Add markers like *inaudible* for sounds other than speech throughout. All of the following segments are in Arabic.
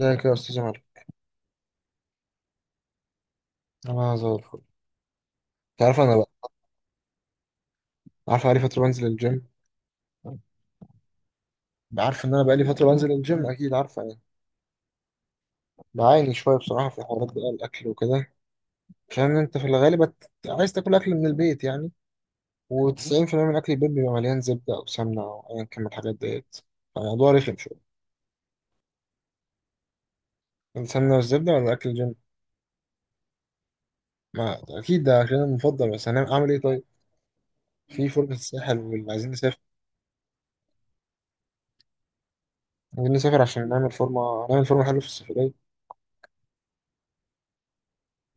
ازيك يا استاذ عمر؟ انا زي الفل. انت عارف انا بقى، عارف بقالي فتره بنزل الجيم. عارف ان انا بقالي فتره بنزل الجيم اكيد، عارفه يعني. بعاني شويه بصراحه في حوارات بقى، الاكل وكده. عشان انت في الغالب عايز تاكل اكل من البيت يعني. و90% من اكل البيت بيبقى مليان زبده او سمنه او ايا كان من الحاجات ديت. فالموضوع رخم شويه. السمنه والزبده ولا اكل الجيم؟ ما اكيد ده عشان المفضل، بس هنعمل اعمل ايه طيب؟ في فورمه الساحل، وعايزين نسافر. عايزين نسافر عشان نعمل فورمه، نعمل فورمه حلوه في السفريه.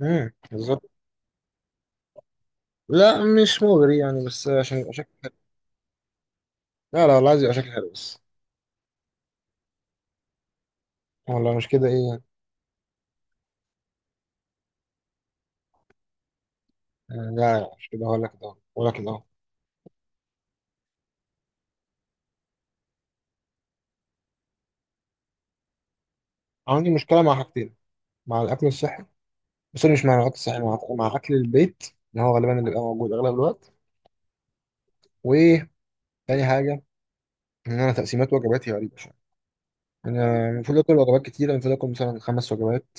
امم. لا مش مغري يعني، بس عشان يبقى شكل حلو. لا لا والله عايز يبقى شكل حلو بس. والله مش كده، ايه يعني؟ آه، لا لا، مش كده هقول لك ده. هقول لك ده. عندي مشكلة مع حاجتين، مع الأكل الصحي. بس مش مع الأكل الصحي، مع أكل البيت اللي هو غالبا اللي بيبقى موجود أغلب الوقت. وتاني حاجة، إن أنا تقسيمات وجباتي غريبة شوية. أنا المفروض آكل وجبات كتيرة، المفروض آكل مثلا خمس وجبات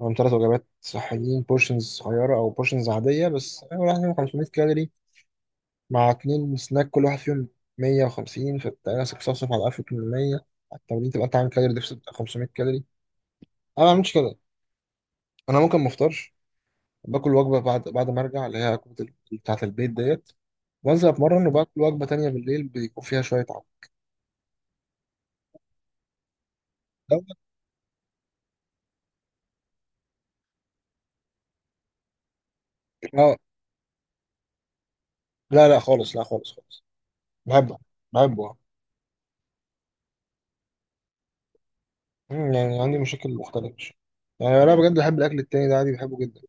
أو ثلاث وجبات صحيين، بورشنز صغيرة أو بورشنز عادية، بس يعني 500 كالوري، مع اتنين سناك كل واحد فيهم 150. فانت راسك صفصف على 1800، على التمرين تبقى انت عامل كالوري ديفست بتاع 500 كالوري. انا ما بعملش كده. انا ممكن ما افطرش، باكل وجبه بعد ما ارجع، اللي هي وجبه بتاعه البيت ديت، وانزل اتمرن، وباكل وجبه تانية بالليل بيكون فيها شويه عضل. دوت- اه، لا لا خالص، لا خالص خالص. بحبه. بحبه آه. مم، يعني عندي مشاكل مختلفه. يعني انا بجد بحب الاكل التاني ده عادي، بحبه جدا.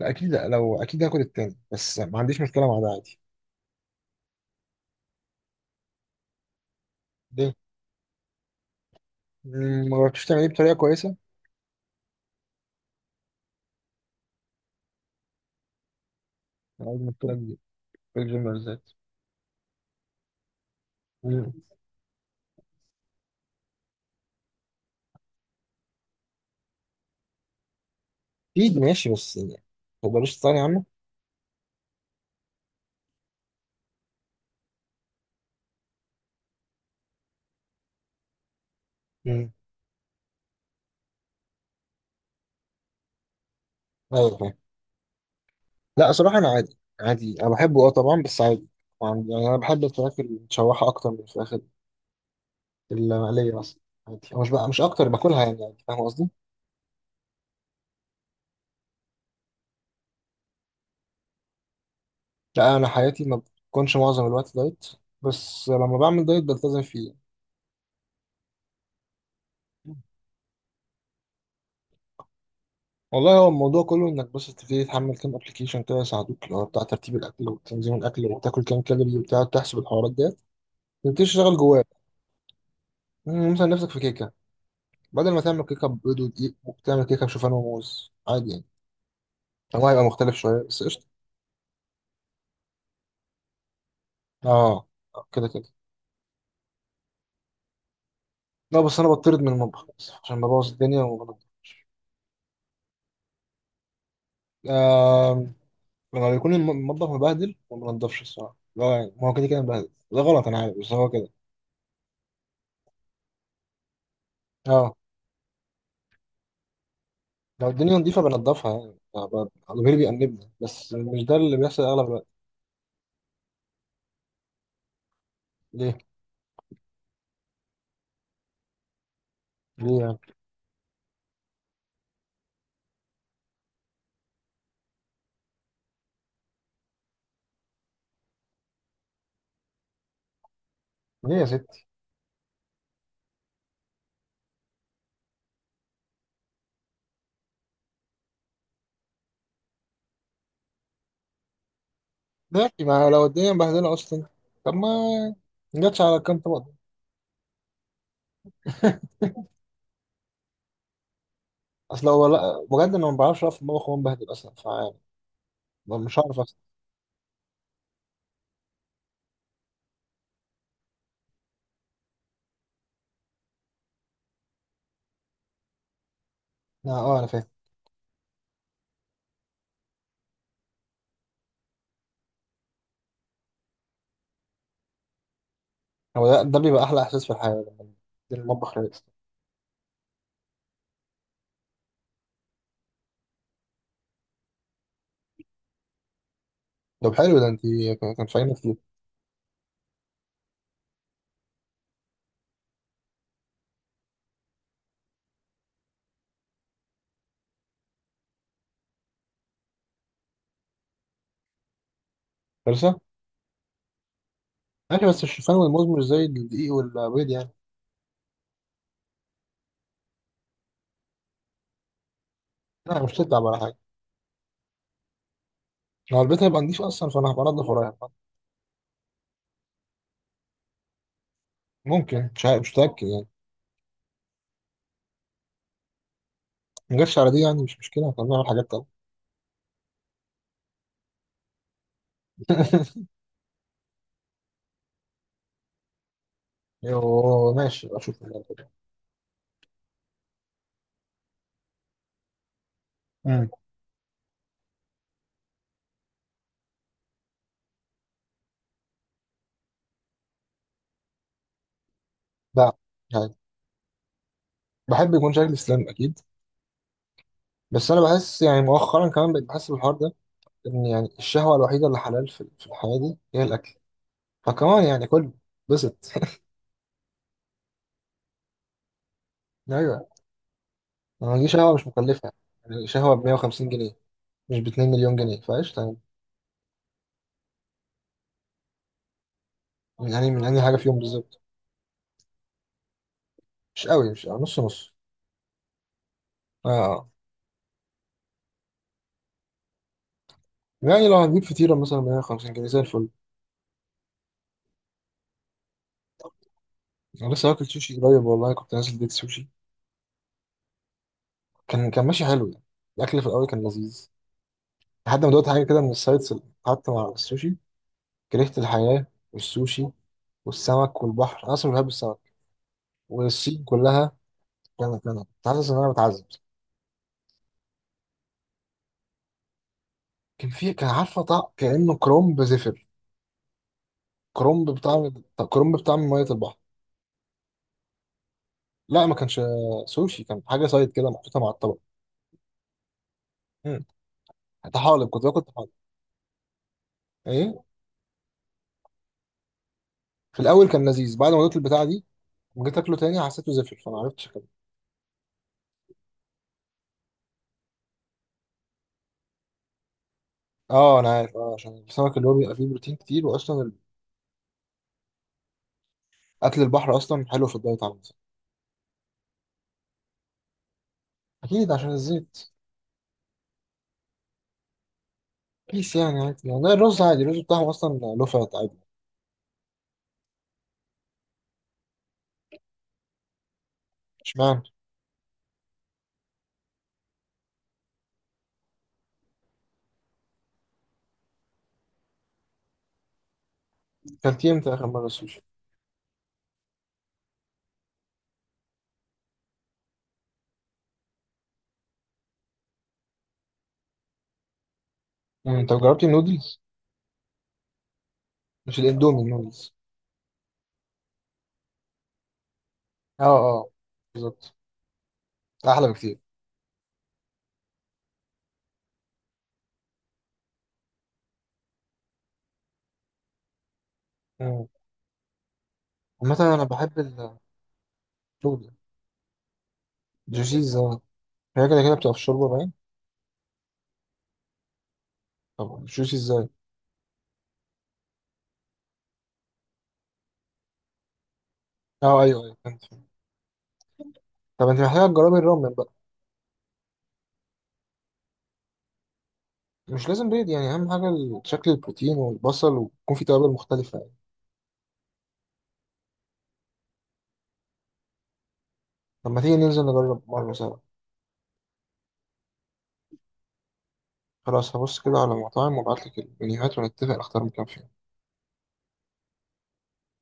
لا اكيد، لا لو اكيد هاكل التاني، بس ما عنديش مشكله مع ده عادي. ليه؟ مم، ما جربتش تعمليه بطريقه كويسه؟ أنا عايز مشكلة كبيرة في الجيم بالذات. مم. أكيد ماشي بس يعني، هو ملوش ثاني عنه. مم. أيوة فاهم. لا صراحة أنا عادي عادي، أنا بحبه أه طبعا، بس عادي. يعني أنا بحب الفراخ المتشوحة أكتر من الفراخ المقلية مثلا. عادي، أو مش بقى مش أكتر باكلها يعني عادي، فاهم قصدي؟ لا أنا حياتي ما بتكونش معظم الوقت دايت، بس لما بعمل دايت بلتزم فيه. والله هو الموضوع كله انك بس تبتدي تحمل كام ابلكيشن كده يساعدوك، اللي هو بتاع ترتيب الاكل وتنظيم الاكل، وتاكل كام كالوري، وبتاع تحسب الحوارات ديت. تبتدي تشتغل جواه. مم، مثلا نفسك في كيكة، بدل ما تعمل كيكة بيض ودقيق ممكن تعمل كيكة بشوفان وموز عادي يعني. هو هيبقى مختلف شوية بس قشطة. اه. آه، كده كده. لا بس أنا بطرد من المطبخ للأسف، عشان ببوظ الدنيا وبنضف. آه. لما بيكون المطبخ مبهدل ما بنضفش الصراحة، لا يعني، ما هو كده كده مبهدل. ده غلط أنا عارف، بس هو كده. اه. لو الدنيا نضيفة بنضفها يعني، آه، ضميري بيأنبني، بس مش ده اللي بيحصل أغلب الوقت. ليه؟ ليه يعني؟ ليه يا ستي؟ ماشي، ما لو الدنيا مبهدلة أصلا. طب ما جاتش على كام طبق؟ اصل هو لا بجد انا ما بعرفش اقف في المطبخ وانا بهدل اصلا، فيعني مش هعرف أصلا. لا، اه انا فاهم. هو ده، ده بيبقى احلى احساس في الحياه لما تنزل المطبخ رايق. طب حلو ده، انت كان فاهمه كتير. لسه. ماشي، بس الشوفان والموز مش زي الدقيق والبيض يعني. لا مش تتعب ولا حاجه. لو البيت هيبقى نضيف اصلا فانا هبقى انضف ورايح. ممكن، مش عارف، مش متاكد يعني. ما جاتش على دي يعني، مش مشكله، احنا بنعمل حاجات تانيه. *laughs* يو ماشي، أبقى اشوف. امم. لا، يعني بحب يكون شكلي سليم اكيد. بس انا بحس يعني مؤخرا كمان بقيت بحس بالحوار ده، ان يعني الشهوه الوحيده اللي حلال في في الحياه دي هي الاكل. فكمان يعني كل بسط. *laughs* ايوه. ما دي شهوه مش مكلفه. يعني شهوه ب 150 جنيه، مش ب 2 مليون جنيه، فقشطه يعني. من انهي حاجه فيهم بالظبط؟ مش قوي، مش قوي. نص نص. اه. آه. يعني لو هنجيب فطيره مثلا ب 150 جنيه زي الفل. انا لسه واكل سوشي قريب والله، كنت نازل بيت سوشي. كان ماشي حلو يعني. الاكل في الاول كان لذيذ، لحد ما دوت حاجه كده من السايتس اللي قعدت مع السوشي. كرهت الحياه والسوشي والسمك والبحر، انا اصلا بحب السمك والصين كلها. كان كان كنت حاسس ان انا بتعذب. كان عارفه طعم كانه كرومب زفر. كرومب بطعم، طب كرومب بطعم ميه البحر. لا ما كانش سوشي، كان حاجه سايد كده محطوطه مع الطبق. امم. طحالب، كنت باكل طحالب. ايه. في الاول كان لذيذ، بعد ما دوت البتاع دي لما جيت اكله تاني حسيته زفر، فما عرفتش كده. اه انا عارف، اه عشان السمك اللي هو بيبقى فيه بروتين كتير، واصلا اكل البحر اصلا حلو في الدايت على الانسان. اكيد عشان الزيت. بيس يعني عادي يعني، ده الرز عادي، الرز بتاعهم اصلا له فات عادي. اشمعنى؟ كلتيه امتى اخر مره سوشي؟ امم. طب جربتي النودلز؟ مش الاندومي، النودلز. اه اه بالظبط. احلى بكتير. مم. عامة انا بحب الشوربة. الجوشيز اه، هي كده كده بتبقى في الشوربة باين. طب السوشي ازاي؟ اه ايوه ايوه، فهمت فهمت. طب انت محتاجة تجربي الرامن بقى. مش لازم بيض يعني، اهم حاجة شكل البروتين والبصل، ويكون في توابل مختلفة يعني. طب ما تيجي ننزل نجرب مرة سوا؟ خلاص هبص كده على مطاعم وابعتلك المنيوهات ونتفق نختار مكان فين.